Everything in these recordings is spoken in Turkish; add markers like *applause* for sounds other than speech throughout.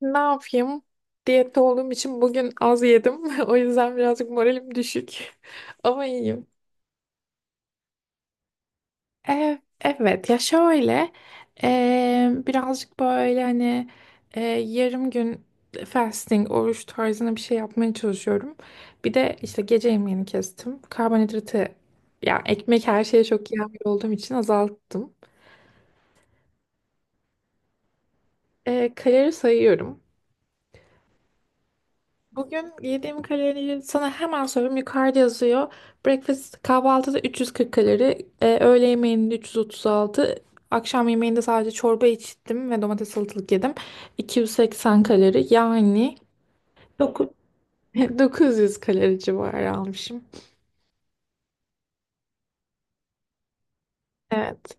Ne yapayım? Diyette olduğum için bugün az yedim. *laughs* O yüzden birazcık moralim düşük. *laughs* Ama iyiyim. Evet ya şöyle, birazcık böyle hani yarım gün fasting, oruç tarzına bir şey yapmaya çalışıyorum. Bir de işte gece yemeğini kestim. Karbonhidratı, yani ekmek her şeye çok iyi olduğum için azalttım. Kalori sayıyorum. Bugün yediğim kaloriyi sana hemen söyleyeyim. Yukarıda yazıyor. Breakfast kahvaltıda 340 kalori. Öğle yemeğinde 336. Akşam yemeğinde sadece çorba içtim ve domates salatalık yedim. 280 kalori. Yani doku- *laughs* 900 kalori civarı almışım. Evet.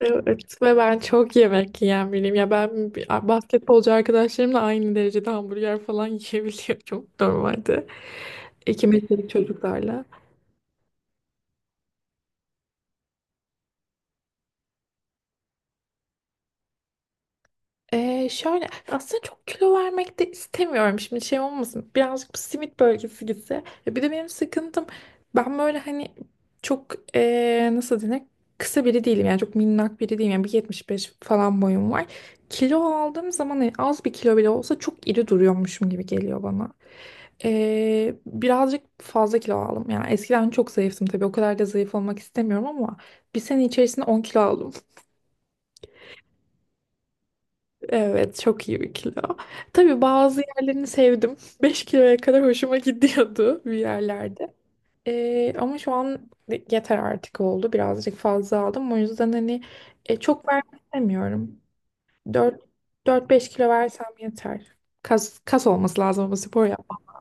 Evet ve ben çok yemek yiyen biriyim. Ya ben basketbolcu arkadaşlarımla aynı derecede hamburger falan yiyebiliyorum *laughs* normalde. 2 metrelik çocuklarla. Şöyle aslında çok kilo vermek de istemiyorum şimdi, şey olmasın, birazcık bu simit bölgesi gitse. Ya bir de benim sıkıntım, ben böyle hani çok nasıl denir, kısa biri değilim yani, çok minnak biri değilim yani, 1,75 falan boyum var. Kilo aldığım zaman hani az bir kilo bile olsa çok iri duruyormuşum gibi geliyor bana. Birazcık fazla kilo aldım yani, eskiden çok zayıftım tabii, o kadar da zayıf olmak istemiyorum ama bir sene içerisinde 10 kilo aldım. Evet, çok iyi bir kilo. Tabii bazı yerlerini sevdim. *laughs* 5 kiloya kadar hoşuma gidiyordu bir yerlerde. Ama şu an yeter, artık oldu. Birazcık fazla aldım. O yüzden hani çok vermek istemiyorum. Dört Dört beş kilo versem yeter. Kas olması lazım ama, spor yapmak.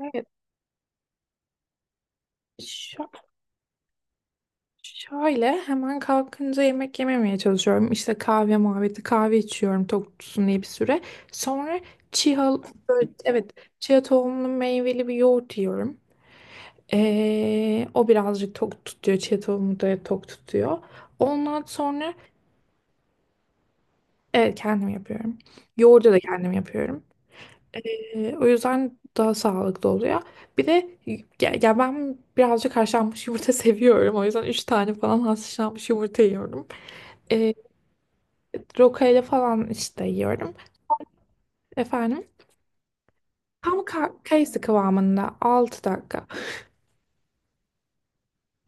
Evet. Şu, Şöyle, hemen kalkınca yemek yememeye çalışıyorum. İşte kahve muhabbeti, kahve içiyorum tok tutsun diye bir süre. Sonra chia, evet, chia tohumlu meyveli bir yoğurt yiyorum. O birazcık tok tutuyor. Chia tohumu da tok tutuyor. Ondan sonra evet, kendim yapıyorum. Yoğurdu da kendim yapıyorum. O yüzden daha sağlıklı oluyor. Bir de ya ben birazcık haşlanmış yumurta *laughs* seviyorum. O yüzden 3 tane falan haşlanmış yumurta yiyorum. Ee, Rokayla falan işte yiyorum. Efendim, tam kayısı kıvamında, 6 dakika.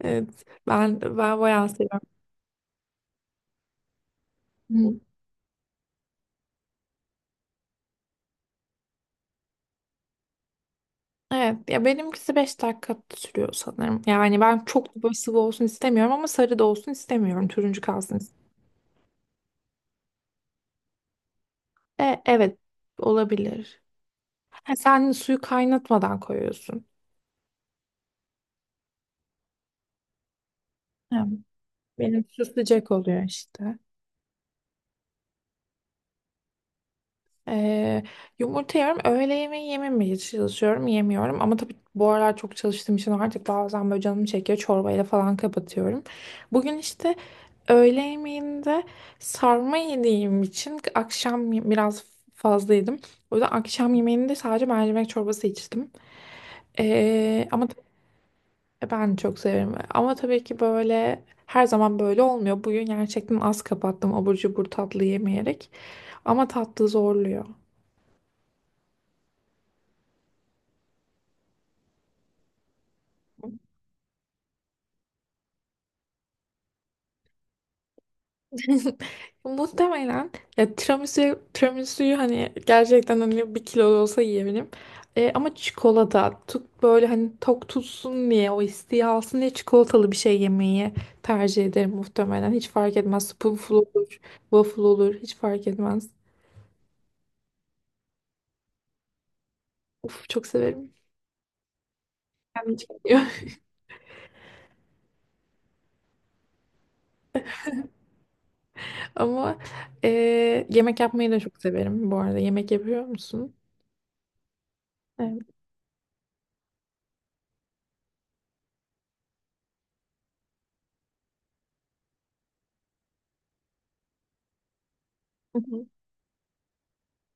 Evet ben bayağı seviyorum. Hı. Evet ya, benimkisi 5 dakika sürüyor sanırım. Yani ben çok da böyle sıvı olsun istemiyorum ama sarı da olsun istemiyorum. Turuncu kalsın istiyorum. Evet, olabilir. Ha, sen suyu kaynatmadan koyuyorsun. Hı. Benim su sıcak oluyor işte. Ee, Yumurta yiyorum. Öğle yemeği yememeye çalışıyorum. Yemiyorum. Ama tabii bu aralar çok çalıştığım için artık bazen böyle canım çekiyor. Çorbayla falan kapatıyorum. Bugün işte öğle yemeğinde sarma yediğim için akşam biraz fazla yedim. O yüzden akşam yemeğinde sadece mercimek çorbası içtim. Ama ben çok severim. Ama tabii ki böyle her zaman böyle olmuyor. Bugün gerçekten az kapattım, abur cubur tatlı yemeyerek. Ama tatlı zorluyor. *laughs* Muhtemelen, ya, tiramisu'yu hani gerçekten, hani bir kilo da olsa yiyebilirim. Ama çikolata, tuk böyle hani tok tutsun diye, o isteği alsın diye çikolatalı bir şey yemeyi tercih ederim muhtemelen. Hiç fark etmez. Spoonful olur, waffle olur, hiç fark etmez. Uf, çok severim. Kendim çekmiyor. *laughs* Ama e, yemek yapmayı da çok severim bu arada. Yemek yapıyor musun? Evet.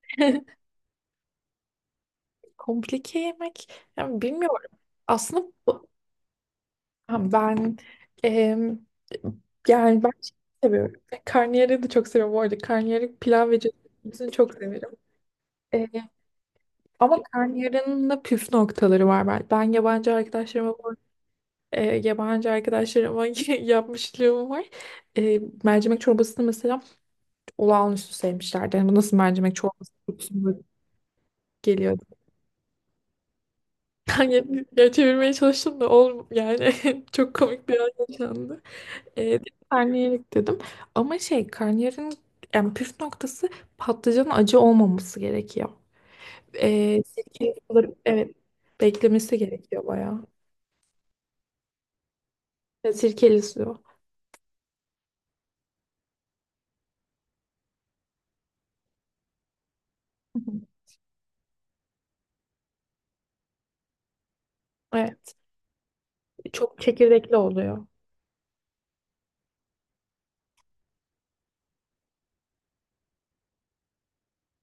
*laughs* Komplike yemek. Yani bilmiyorum. Aslında. Ha, ben, em, yani ben, şey seviyorum. Karnıyarığı da çok seviyorum bu arada. Karnıyarık, pilav ve cevizini çok severim. E, Ama karnıyarığın da püf noktaları var. Ben yabancı arkadaşlarıma yabancı arkadaşlarıma *laughs* yapmışlığım var. Mercimek çorbasını mesela olağanüstü sevmişlerdi. Yani bu nasıl mercimek çorbası, kokusunda geliyordu. *laughs* Yani, ya, çevirmeye çalıştım da olm yani, *laughs* çok komik bir an yaşandı. E, Karnıyarık dedim. Ama şey, karnıyarın yani püf noktası, patlıcanın acı olmaması gerekiyor. Sirkeli suları, evet, beklemesi gerekiyor bayağı. Sirkeli suyu. Evet, çok çekirdekli oluyor.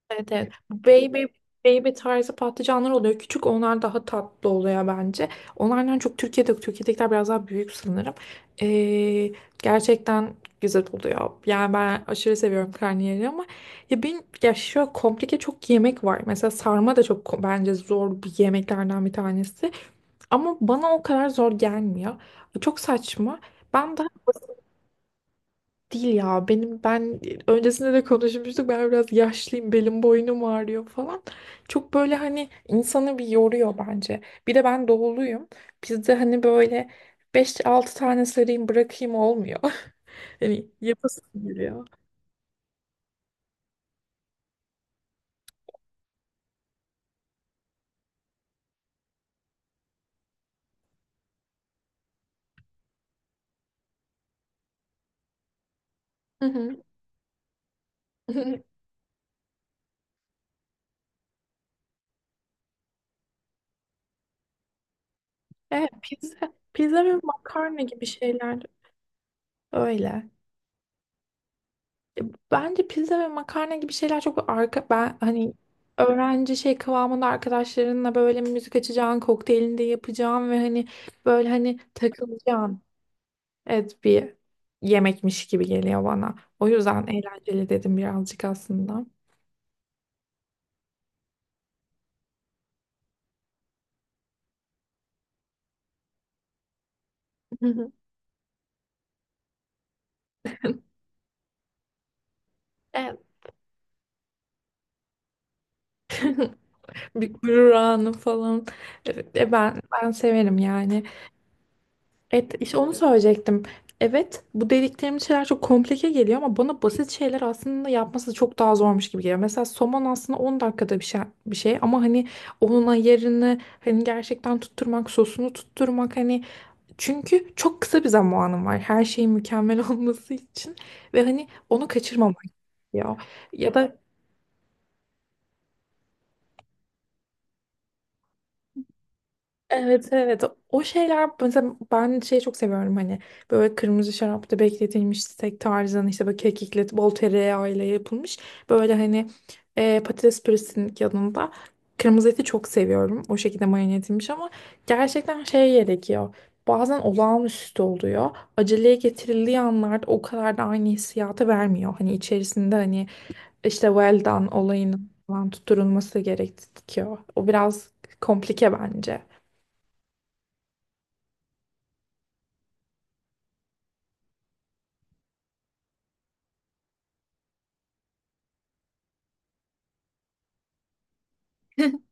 Evet, evet. Bu baby tarzı patlıcanlar oluyor. Küçük onlar, daha tatlı oluyor bence. Onlardan çok Türkiye'de yok. Türkiye'dekiler biraz daha büyük sanırım. Ee, Gerçekten güzel oluyor. Yani ben aşırı seviyorum karnıyarığı ama, ya ben ya şöyle, komplike çok yemek var. Mesela sarma da çok bence zor bir yemeklerden bir tanesi. Ama bana o kadar zor gelmiyor. Çok saçma. Ben daha Değil ya, benim ben öncesinde de konuşmuştuk, ben biraz yaşlıyım, belim boynum ağrıyor falan. Çok böyle hani insanı bir yoruyor bence. Bir de ben doğuluyum. Bizde hani böyle beş altı tane sarayım bırakayım olmuyor. *laughs* Hani yapası geliyor. Hı hı. *laughs* Evet, pizza ve makarna gibi şeyler öyle. Bence pizza ve makarna gibi şeyler çok, arka ben hani öğrenci şey kıvamında, arkadaşlarınla böyle müzik açacağın, kokteylini de yapacağın ve hani böyle hani takılacağın et bir yemekmiş gibi geliyor bana. O yüzden eğlenceli dedim birazcık aslında. Hı hı. Evet. Bir gurur anı falan. Evet. Ben severim yani. Evet, işte onu söyleyecektim. Evet, bu dediklerimiz şeyler çok komplike geliyor ama bana basit şeyler aslında yapması çok daha zormuş gibi geliyor. Mesela somon aslında 10 dakikada bir şey, bir şey ama hani onun ayarını, hani gerçekten tutturmak, sosunu tutturmak, hani çünkü çok kısa bir zamanım var her şeyin mükemmel *laughs* olması için, ve hani onu kaçırmamak gerekiyor. Ya da, evet, evet, o şeyler mesela, ben şeyi çok seviyorum, hani böyle kırmızı şarapta bekletilmiş steak tarzında, işte böyle kekikle bol tereyağıyla yapılmış, böyle hani patates püresinin yanında kırmızı eti çok seviyorum, o şekilde marine edilmiş, ama gerçekten şey gerekiyor, bazen olağanüstü oluyor, aceleye getirildiği anlarda o kadar da aynı hissiyatı vermiyor, hani içerisinde, hani işte well done olayının falan tutturulması gerekiyor, o biraz komplike bence. *laughs*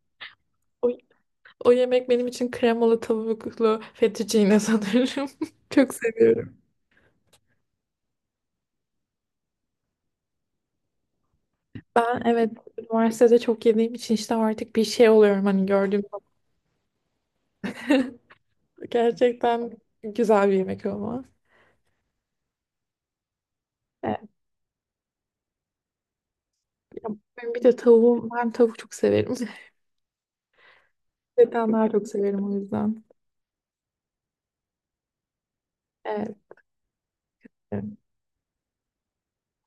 O, o yemek benim için kremalı tavuklu fettuccine sanırım. *laughs* Çok seviyorum. Ben, evet, üniversitede çok yediğim için işte artık bir şey oluyorum hani gördüğüm zaman. *laughs* Gerçekten güzel bir yemek ama. Evet, ya benim bir de tavuğum, ben tavuk çok severim. *laughs* Etten daha çok severim o yüzden. Evet.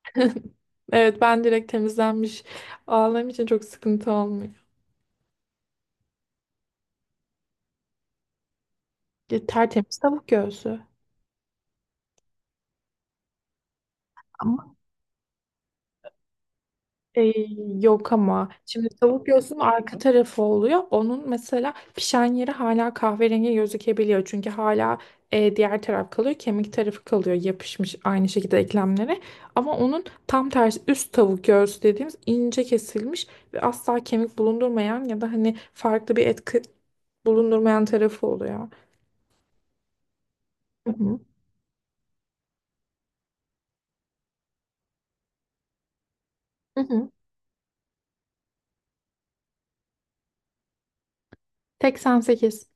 *laughs* Evet, ben direkt temizlenmiş aldığım için çok sıkıntı olmuyor. Ya, tertemiz tavuk göğsü. Ee, Yok ama şimdi tavuk göğsünün arka tarafı oluyor. Onun mesela pişen yeri hala kahverengi gözükebiliyor. Çünkü hala diğer taraf kalıyor. Kemik tarafı kalıyor, yapışmış aynı şekilde eklemlere. Ama onun tam tersi üst tavuk göğsü dediğimiz ince kesilmiş ve asla kemik bulundurmayan ya da hani farklı bir etki bulundurmayan tarafı oluyor. Hı hı. Hı hı. 88.